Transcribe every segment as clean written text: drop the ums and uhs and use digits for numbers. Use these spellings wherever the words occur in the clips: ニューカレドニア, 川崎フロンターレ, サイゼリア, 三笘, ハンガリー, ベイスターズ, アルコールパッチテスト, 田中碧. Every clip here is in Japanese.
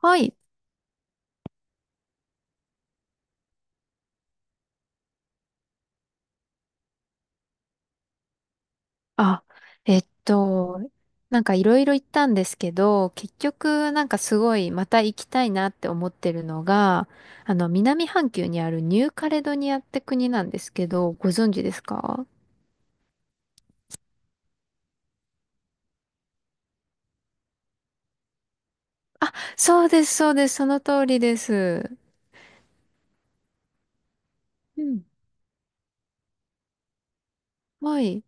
はい。あ、えっと、なんかいろいろ行ったんですけど、結局なんかすごいまた行きたいなって思ってるのが、南半球にあるニューカレドニアって国なんですけど、ご存知ですか？あ、そうです、そうです、その通りです。うん。はい。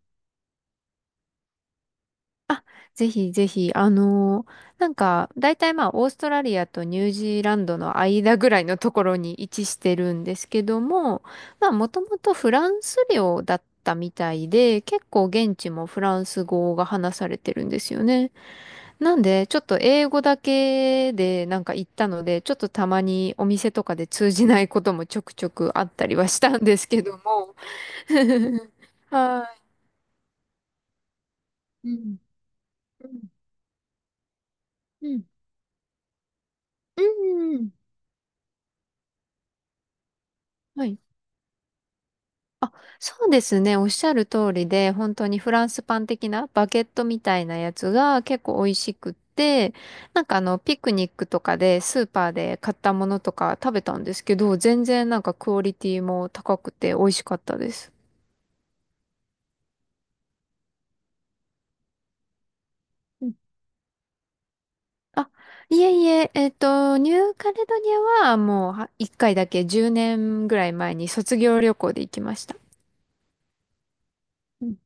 ぜひぜひ、なんか、大体まあ、オーストラリアとニュージーランドの間ぐらいのところに位置してるんですけども、まあ、もともとフランス領だったみたいで、結構現地もフランス語が話されてるんですよね。なんで、ちょっと英語だけでなんか行ったので、ちょっとたまにお店とかで通じないこともちょくちょくあったりはしたんですけども。はい。うん。うん。うん。うん。はい。あ、そうですね。おっしゃる通りで、本当にフランスパン的なバケットみたいなやつが結構美味しくって、なんかピクニックとかでスーパーで買ったものとか食べたんですけど、全然なんかクオリティも高くて美味しかったです。うん。あ、いえいえ、ニューカレドニアはもうは一回だけ10年ぐらい前に卒業旅行で行きました。うん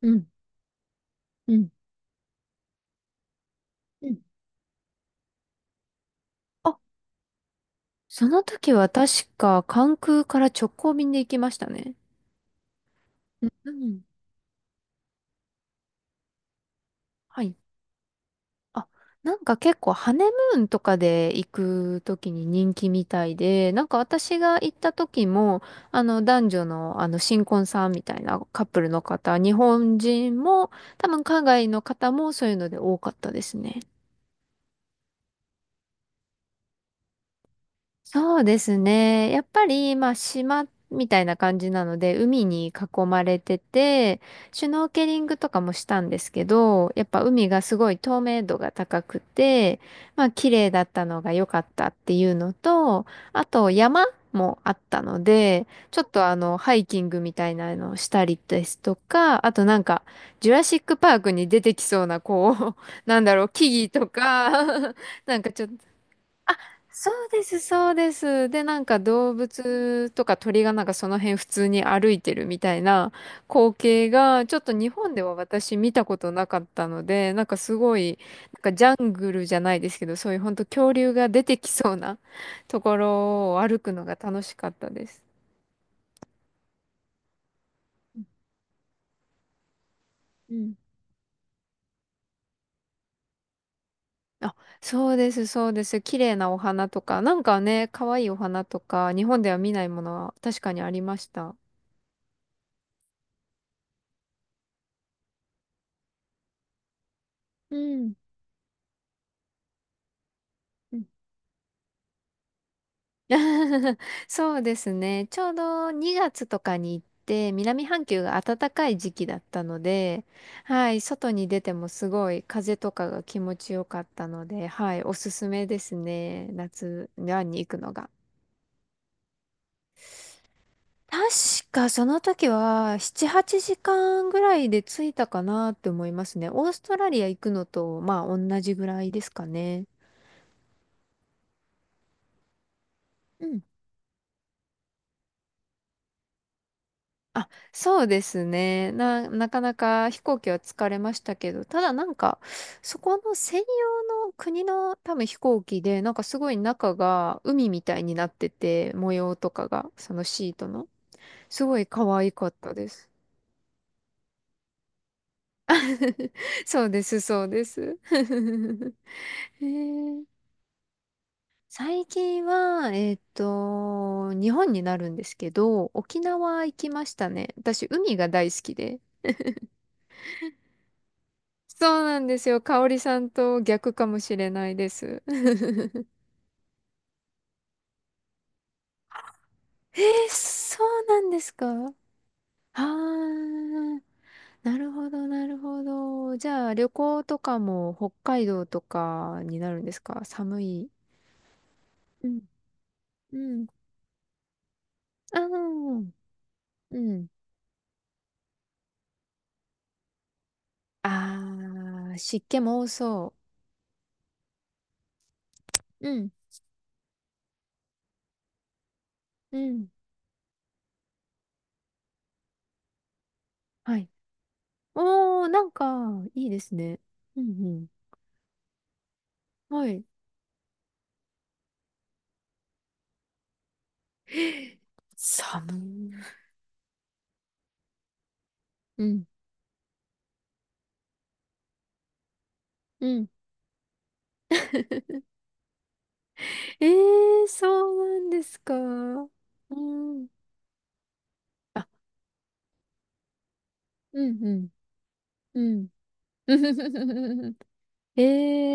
うんうんうん。あ、その時は確か関空から直行便で行きましたね。うんうん、はい。あ、なんか結構ハネムーンとかで行くときに人気みたいで、なんか私が行った時も、あの男女のあの新婚さんみたいなカップルの方、日本人も多分海外の方もそういうので多かったですね。そうですね。やっぱり、まあ、島みたいな感じなので、海に囲まれてて、シュノーケリングとかもしたんですけど、やっぱ海がすごい透明度が高くて、まあ、綺麗だったのが良かったっていうのと、あと山もあったので、ちょっとハイキングみたいなのをしたりですとか、あとなんか、ジュラシックパークに出てきそうな、こう、なんだろう、木々とか、なんかちょっと。あ、そうです、そうです。で、なんか動物とか鳥がなんかその辺普通に歩いてるみたいな光景が、ちょっと日本では私見たことなかったので、なんかすごい、なんかジャングルじゃないですけど、そういう本当恐竜が出てきそうなところを歩くのが楽しかったです。うん。あ、そうです、そうです。綺麗なお花とか、なんかね、可愛いお花とか、日本では見ないものは確かにありました。うん。そうですね。ちょうど2月とかに行って、南半球が暖かい時期だったので、はい、外に出てもすごい風とかが気持ちよかったので、はい、おすすめですね。夏に行くのが。確かその時は7、8時間ぐらいで着いたかなって思いますね。オーストラリア行くのと、まあ同じぐらいですかね。うん。あ、そうですね。なかなか飛行機は疲れましたけど、ただなんか、そこの専用の国の多分飛行機で、なんかすごい中が海みたいになってて、模様とかが、そのシートの。すごい可愛かったです。そうです、そうです。へえ。最近は、日本になるんですけど、沖縄行きましたね。私、海が大好きで。そうなんですよ。香織さんと逆かもしれないです。えー、そうなんですかあ？あー、なるほど、なるほど。じゃあ、旅行とかも北海道とかになるんですか？寒い。うん、うん。あー、うん。あー、湿気も多そう。うん、うん。はい。おー、なんか、いいですね。うん、うん。はい。寒い。うん、うん。ええ、そうなんですか？うん。あ、うんうん。うん。え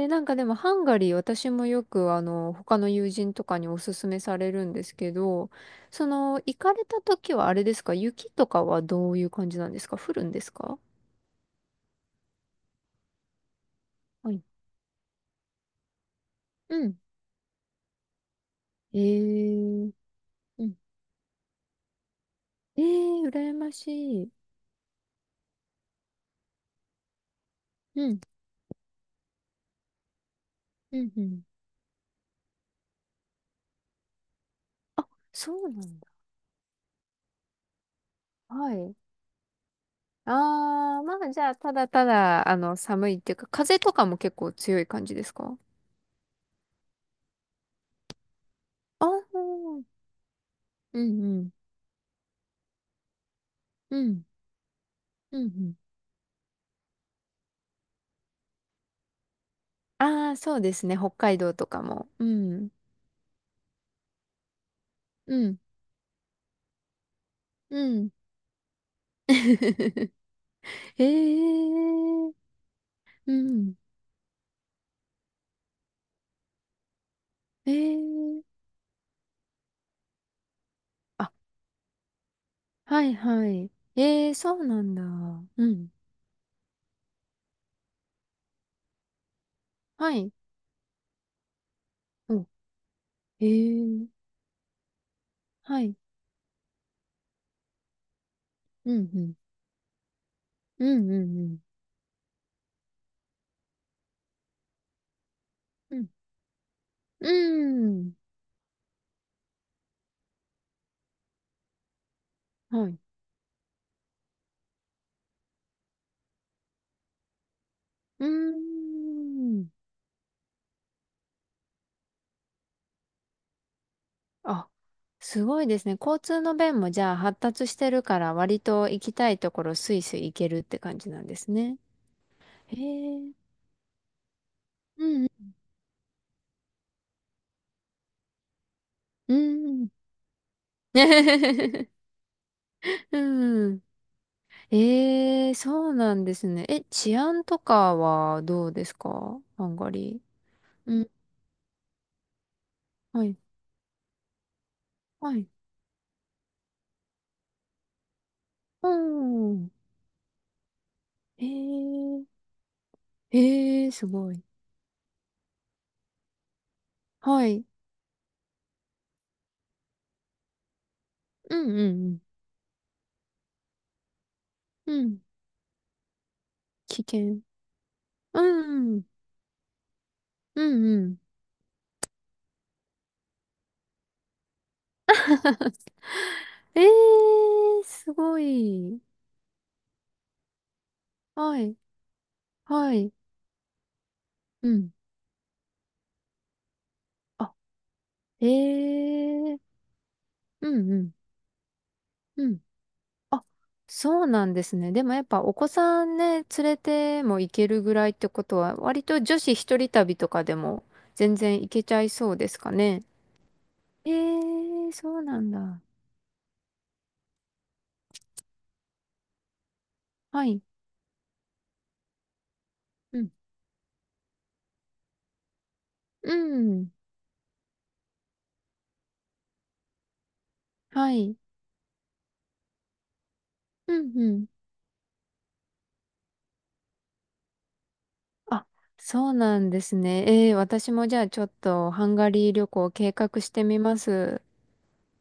え、なんかでもハンガリー私もよくあの他の友人とかにおすすめされるんですけど、その、行かれた時はあれですか？雪とかはどういう感じなんですか？降るんですか？はい。うん。ええ、うん。ええ、羨ましい。うん。うんうん。あ、そうなんだ。はい。ああ、まあじゃあ、ただただ、寒いっていうか、風とかも結構強い感じですか？ああー、うんうん、うん、うんうん。ああ、そうですね、北海道とかも。うん、うん、うん。ええ、うん、ええ、あ、はいはい。ええ、そうなんだ。うん、はい。お、ええ、はい。うん、うん、うん、うん、うん、うん、うん、はい。うーん。あ、すごいですね。交通の便もじゃあ発達してるから割と行きたいところスイスイ行けるって感じなんですね。へえ。うんうん。うん。うん。ええ、そうなんですね。え、治安とかはどうですかハンガリー？うん。はい。はい。うん。ええ。ええ、すごい。はい。うんうんうん。うん。危険。うん。うんうん。ええー、すごい。はい、はい、うん。あ、ええー、うん、うん、うん。あ、そうなんですね。でもやっぱお子さんね、連れても行けるぐらいってことは、割と女子一人旅とかでも全然行けちゃいそうですかね？ええー、そうなんだ。はい、うん、うん、はい、うん、うん。あ、そうなんですね。ええー、私もじゃあちょっとハンガリー旅行計画してみます。